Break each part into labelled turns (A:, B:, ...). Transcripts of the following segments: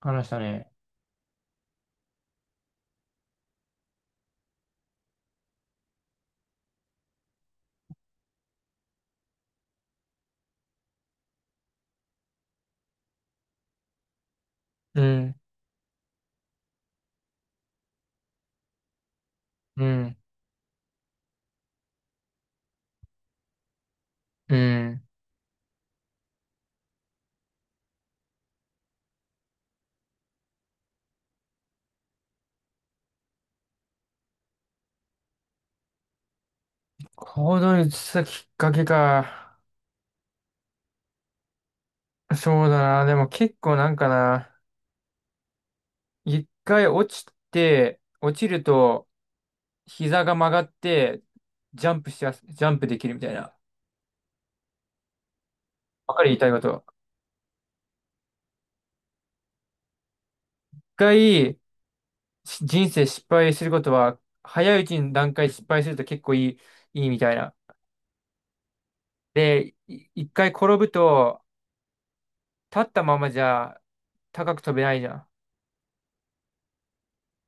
A: 話したね。うん、うん、うん。行動に移したきっかけか。そうだな。でも結構なんかな。一回落ちて、落ちると膝が曲がって、ジャンプできるみたいな。わかる言いたいこと。一回し人生失敗することは、早いうちに段階失敗すると結構いい、いいみたいな。で、一回転ぶと、立ったままじゃ高く飛べないじゃん。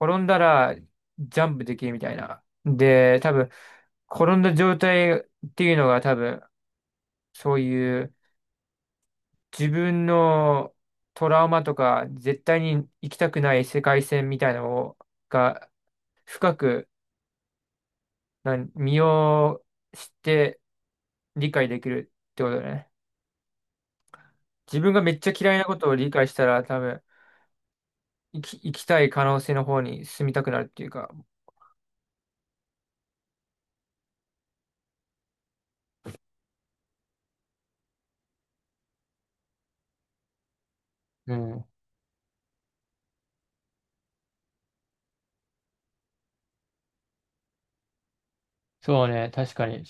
A: 転んだらジャンプできるみたいな。で、多分、転んだ状態っていうのが多分、そういう自分のトラウマとか、絶対に行きたくない世界線みたいなのが、深く、身を知って理解できるってことだね。自分がめっちゃ嫌いなことを理解したら、多分、生きたい可能性の方に進みたくなるっていうか、うん。そうね、確かに。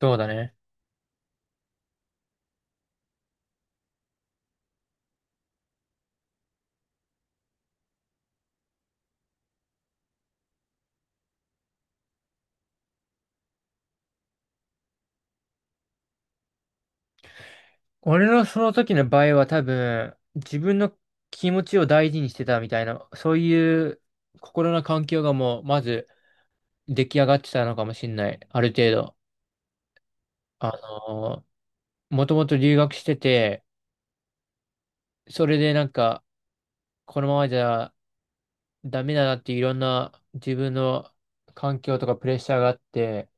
A: そうだね。俺のその時の場合は多分、自分の気持ちを大事にしてたみたいな、そういう心の環境がもう、まず出来上がってたのかもしれない。ある程度。あのもともと留学してて、それでなんか、このままじゃダメだなっていろんな自分の環境とかプレッシャーがあって、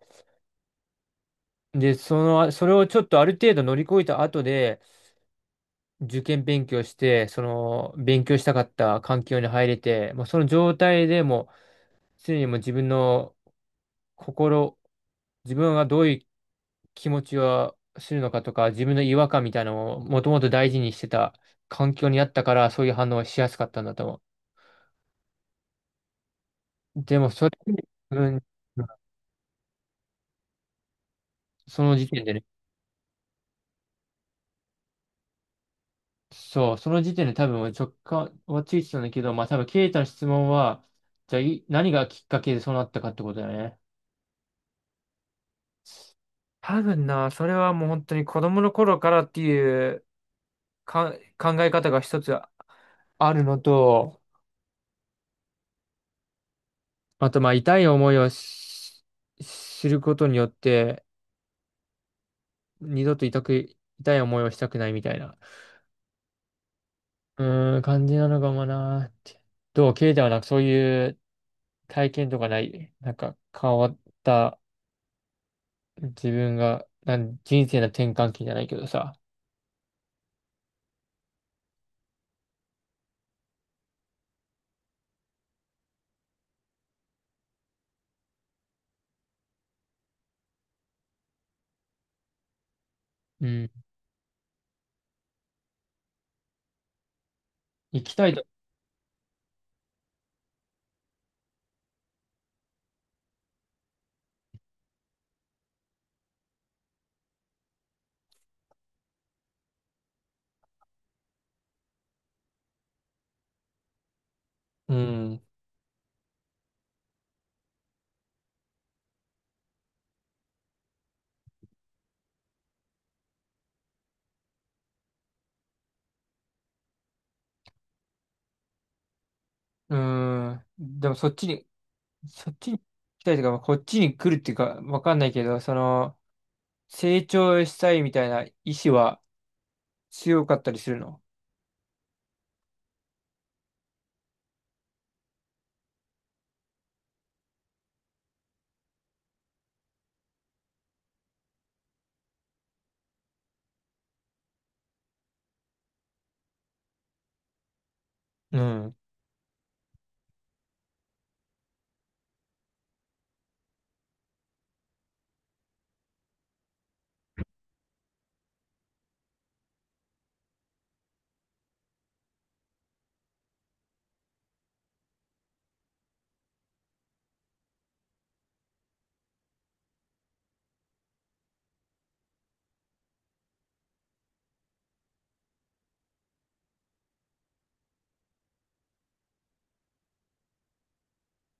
A: で、その、それをちょっとある程度乗り越えた後で、受験勉強して、その、勉強したかった環境に入れて、もうその状態でもう常にもう自分の心、自分がどういう気持ちをするのかとか、自分の違和感みたいなのをもともと大事にしてた環境にあったから、そういう反応をしやすかったんだと思う。でも、それ、うん、その時点でね、そう、その時点で多分直感はついてたんだけど、まあ多分、ケイタの質問は、じゃあ何がきっかけでそうなったかってことだよね。多分な、それはもう本当に子供の頃からっていうか、考え方が一つあるのと、あと、まあ、痛い思いをし知ることによって、二度と痛く、痛い思いをしたくないみたいな、うーん、感じなのかもなーって。どう、ケイタはなんかそういう体験とかない、なんか変わった自分が、人生の転換期じゃないけどさ、うん、行きたいと、うん、うーん、でもそっちに、そっちに行きたいとか、まあこっちに来るっていうか、わかんないけど、その、成長したいみたいな意志は強かったりするの、うん。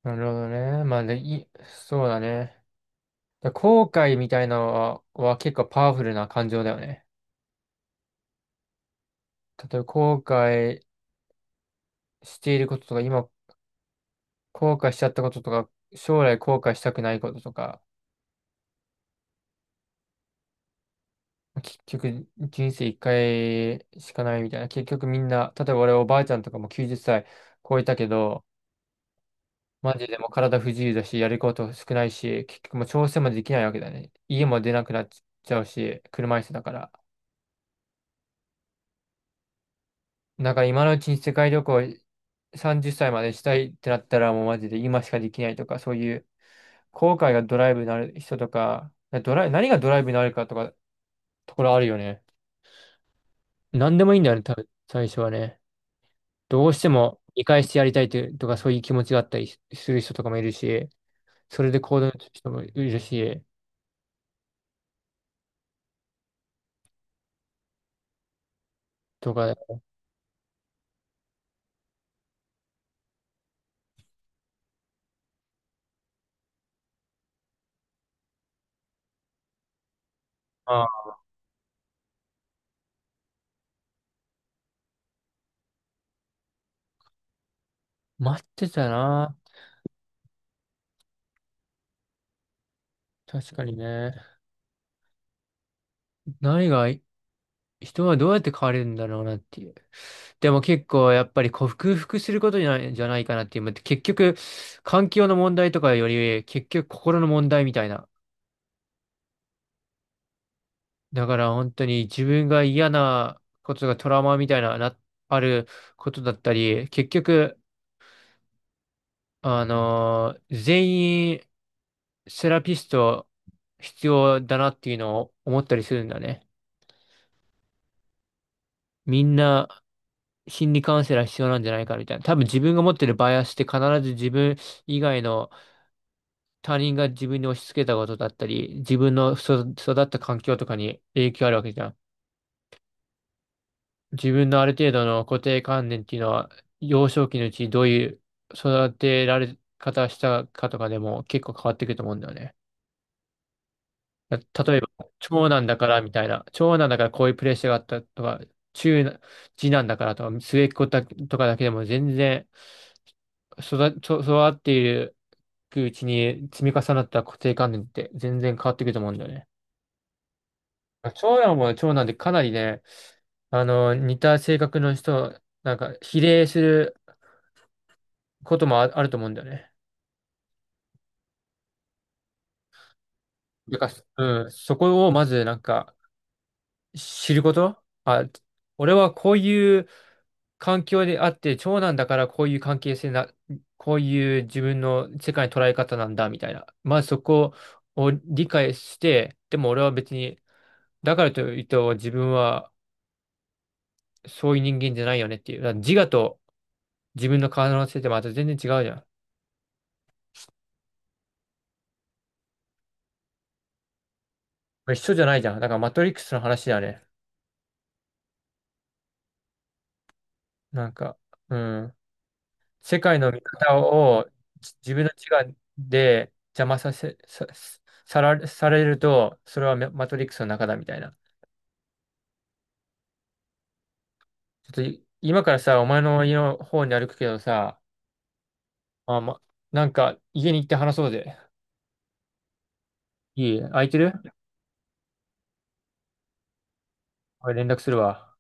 A: なるほどね。そうだね。後悔みたいなのは、結構パワフルな感情だよね。例えば後悔していることとか、今後悔しちゃったこととか、将来後悔したくないこととか、結局人生一回しかないみたいな。結局みんな、例えば俺おばあちゃんとかも90歳超えたけど、マジでもう体不自由だし、やること少ないし、結局もう調整もできないわけだね。家も出なくなっちゃうし、車椅子だから。だから今のうちに世界旅行30歳までしたいってなったらもうマジで今しかできないとか、そういう後悔がドライブになる人とか、ドライ、何がドライブになるかとか、ところあるよね。何でもいいんだよね、多分、最初はね。どうしても見返してやりたいというとか、そういう気持ちがあったりする人とかもいるし、それで行動する人もいるし、とか、ああ、待ってたな。確かにね。何が人はどうやって変われるんだろうなっていう。でも結構やっぱり克服することじゃない、じゃないかなっていう。結局、環境の問題とかより、結局心の問題みたいな。だから本当に自分が嫌なことがトラウマみたいな、あることだったり、結局、全員セラピスト必要だなっていうのを思ったりするんだね。みんな心理カウンセラー必要なんじゃないかみたいな。多分自分が持ってるバイアスって必ず自分以外の他人が自分に押し付けたことだったり、自分の育った環境とかに影響あるわけじゃん。自分のある程度の固定観念っていうのは、幼少期のうちどういう育てられ方したかとかでも結構変わってくると思うんだよね。例えば、長男だからみたいな、長男だからこういうプレッシャーがあったとか、中な、次男だからとか、末っ子だとかだけでも全然育、育っていくうちに積み重なった固定観念って全然変わってくると思うんだよね。長男も長男でかなりね、あの、似た性格の人、なんか、比例することもあ、あると思うんだよね。だから、うん、そこをまず、なんか、知ること。あ、俺はこういう環境であって、長男だからこういう関係性な、こういう自分の世界の捉え方なんだ、みたいな。まずそこを理解して、でも俺は別に、だからといって自分はそういう人間じゃないよねっていう。だから自我と、自分の体の性ってまた全然違うじゃん。これ一緒じゃないじゃん。だからマトリックスの話だね。なんか、うん。世界の見方を自分の自我で邪魔させ、さ、さら、されると、それはマトリックスの中だみたいな。ちょっと今からさ、お前の家の方に歩くけどさ、あ、ま、なんか家に行って話そうぜ。いい空いてる俺連絡するわ。